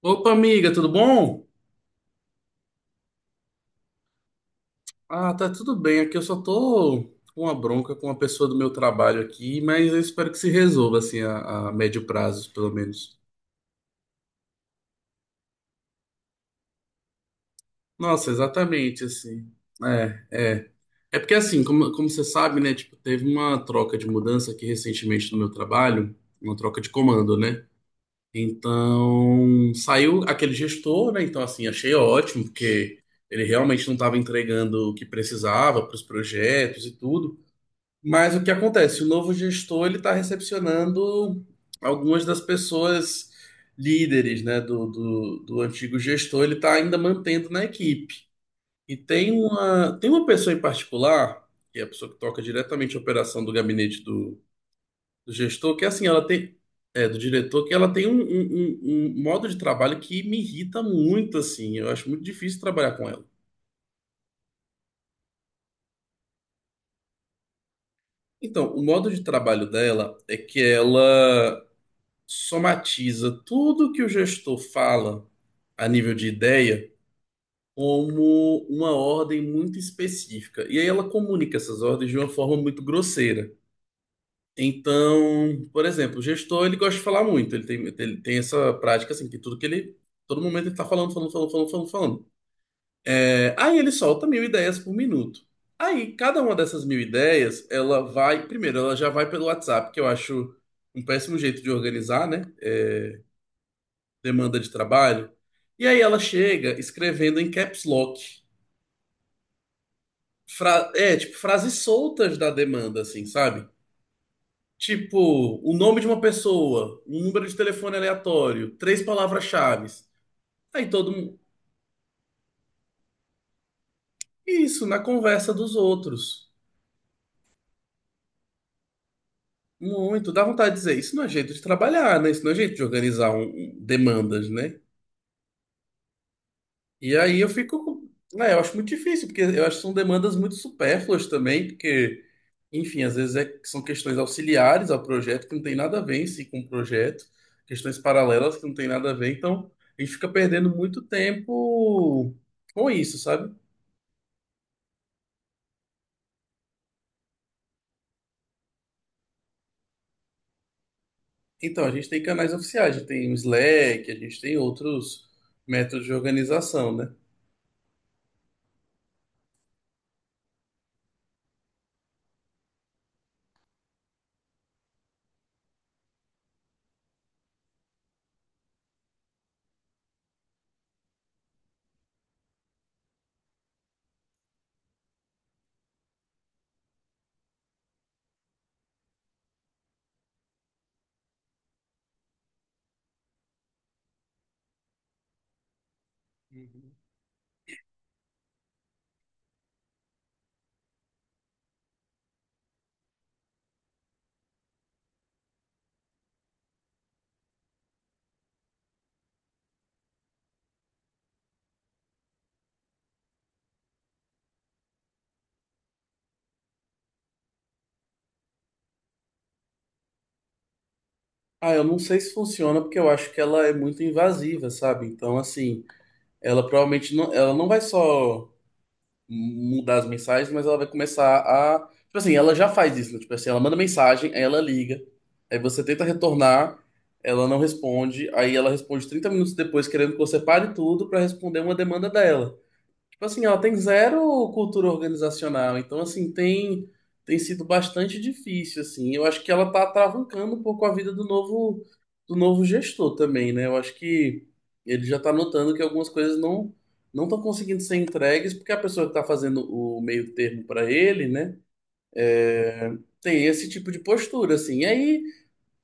Opa, amiga, tudo bom? Ah, tá tudo bem. Aqui eu só tô com uma bronca com uma pessoa do meu trabalho aqui, mas eu espero que se resolva, assim, a médio prazo, pelo menos. Nossa, exatamente, assim. É, é. É porque, assim, como você sabe, né, tipo, teve uma troca de mudança aqui recentemente no meu trabalho, uma troca de comando, né? Então, saiu aquele gestor, né? Então, assim, achei ótimo, porque ele realmente não estava entregando o que precisava para os projetos e tudo. Mas o que acontece? O novo gestor ele está recepcionando algumas das pessoas líderes, né, do antigo gestor, ele está ainda mantendo na equipe. E tem uma, pessoa em particular, que é a pessoa que toca diretamente a operação do gabinete do gestor, que é assim, ela tem, é, do diretor, que ela tem um modo de trabalho que me irrita muito, assim, eu acho muito difícil trabalhar com ela. Então, o modo de trabalho dela é que ela somatiza tudo que o gestor fala a nível de ideia como uma ordem muito específica. E aí ela comunica essas ordens de uma forma muito grosseira. Então, por exemplo, o gestor ele gosta de falar muito, ele tem essa prática assim, que tudo que ele. Todo momento ele tá falando, falando, falando, falando, falando, falando. É, aí ele solta mil ideias por minuto. Aí, cada uma dessas mil ideias, ela vai. Primeiro, ela já vai pelo WhatsApp, que eu acho um péssimo jeito de organizar, né? É, demanda de trabalho. E aí ela chega escrevendo em caps lock. É, tipo, frases soltas da demanda, assim, sabe? Tipo, o nome de uma pessoa, um número de telefone aleatório, três palavras-chave. Aí todo mundo. Isso, na conversa dos outros. Muito. Dá vontade de dizer, isso não é jeito de trabalhar, né? Isso não é jeito de organizar demandas, né? E aí eu fico, né, eu acho muito difícil, porque eu acho que são demandas muito supérfluas também, porque, enfim, às vezes são questões auxiliares ao projeto que não tem nada a ver em si com o projeto, questões paralelas que não tem nada a ver, então a gente fica perdendo muito tempo com isso, sabe? Então, a gente tem canais oficiais, a gente tem o Slack, a gente tem outros métodos de organização, né? Uhum. Ah, eu não sei se funciona porque eu acho que ela é muito invasiva, sabe? Então, assim, ela provavelmente não, ela não vai só. Mudar as mensagens, mas ela vai começar a. Tipo assim, ela já faz isso, né? Tipo assim, ela manda mensagem, aí ela liga, aí você tenta retornar, ela não responde, aí ela responde 30 minutos depois, querendo que você pare tudo pra responder uma demanda dela. Tipo assim, ela tem zero cultura organizacional, então assim, tem sido bastante difícil assim. Eu acho que ela tá atravancando um pouco a vida do novo gestor também, né? Eu acho que ele já tá notando que algumas coisas não estão conseguindo ser entregues porque a pessoa que tá fazendo o meio termo para ele, né? É, tem esse tipo de postura assim. E aí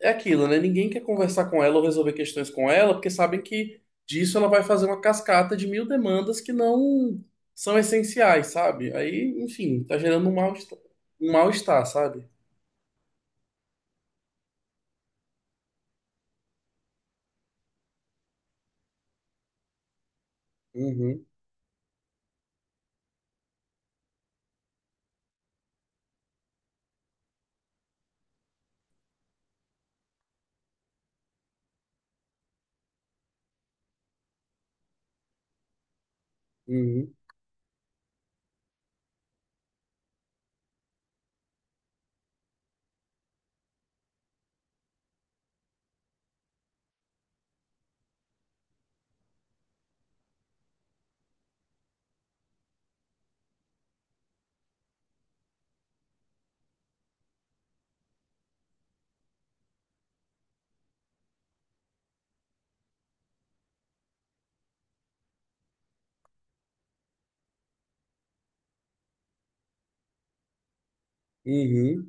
é aquilo, né? Ninguém quer conversar com ela ou resolver questões com ela, porque sabem que disso ela vai fazer uma cascata de mil demandas que não são essenciais, sabe? Aí, enfim, tá gerando um mal-estar, sabe? Uhum, uhum, uhum.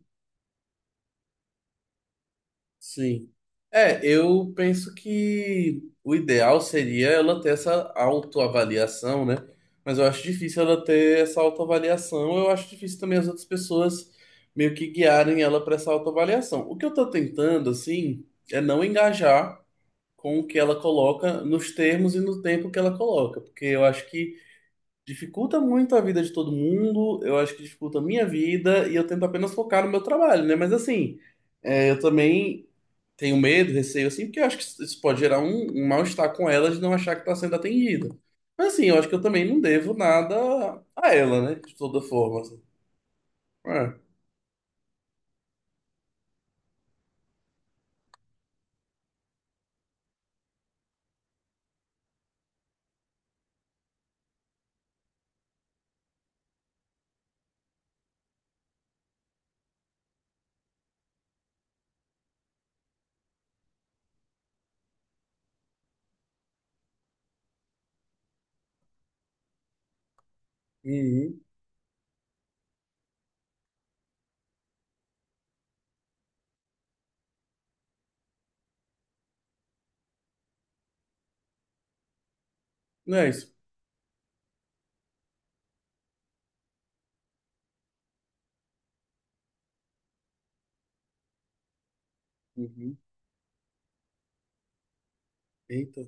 Sim. É, eu penso que o ideal seria ela ter essa autoavaliação, né? Mas eu acho difícil ela ter essa autoavaliação. Eu acho difícil também as outras pessoas meio que guiarem ela para essa autoavaliação. O que eu tô tentando, assim, é não engajar com o que ela coloca nos termos e no tempo que ela coloca, porque eu acho que dificulta muito a vida de todo mundo, eu acho que dificulta a minha vida e eu tento apenas focar no meu trabalho, né? Mas assim, é, eu também tenho medo, receio, assim, porque eu acho que isso pode gerar um mal-estar com ela de não achar que está sendo atendida. Mas, assim, eu acho que eu também não devo nada a ela, né? De toda forma, assim. É. Uhum. Não é isso. Uhum. Eita.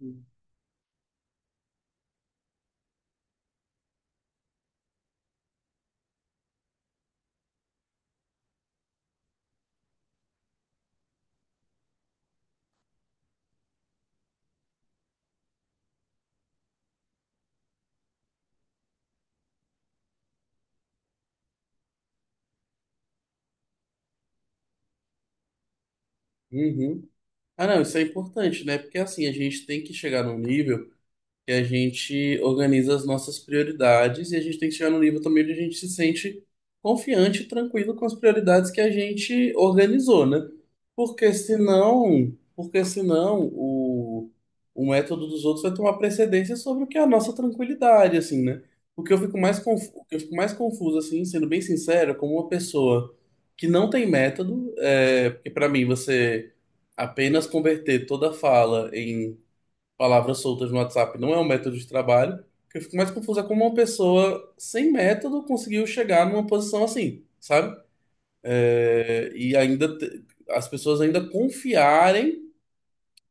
Uhum. Uhum. Ah, não, isso é importante, né? Porque, assim, a gente tem que chegar num nível que a gente organiza as nossas prioridades e a gente tem que chegar num nível também onde a gente se sente confiante e tranquilo com as prioridades que a gente organizou, né? Porque senão o método dos outros vai tomar precedência sobre o que é a nossa tranquilidade, assim, né? O que eu fico mais confuso, o que eu fico mais confuso, assim, sendo bem sincero, é como uma pessoa que não tem método, é, porque para mim você apenas converter toda fala em palavras soltas no WhatsApp não é um método de trabalho. O que eu fico mais confuso é como uma pessoa sem método conseguiu chegar numa posição assim, sabe? É, e ainda as pessoas ainda confiarem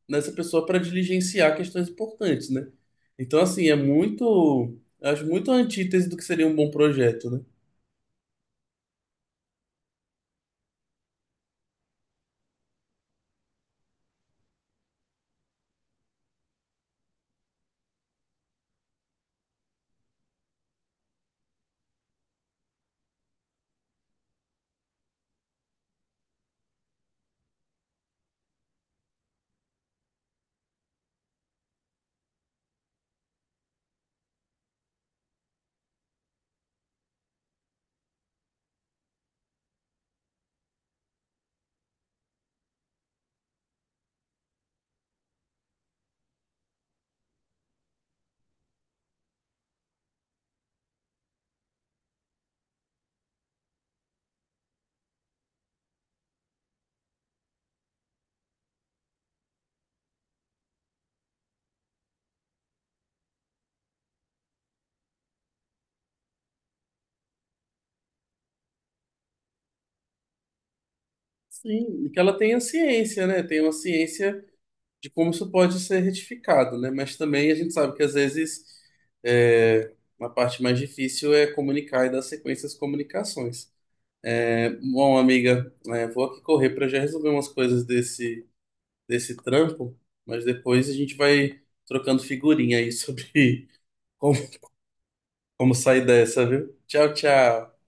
nessa pessoa para diligenciar questões importantes, né? Então, assim, é muito. Eu acho muito a antítese do que seria um bom projeto, né? Sim, e que ela tenha ciência, né? Tem uma ciência de como isso pode ser retificado, né? Mas também a gente sabe que às vezes é, a parte mais difícil é comunicar e dar sequência às comunicações. É, bom, amiga, é, vou aqui correr para já resolver umas coisas desse trampo, mas depois a gente vai trocando figurinha aí sobre como, como sair dessa, viu? Tchau, tchau.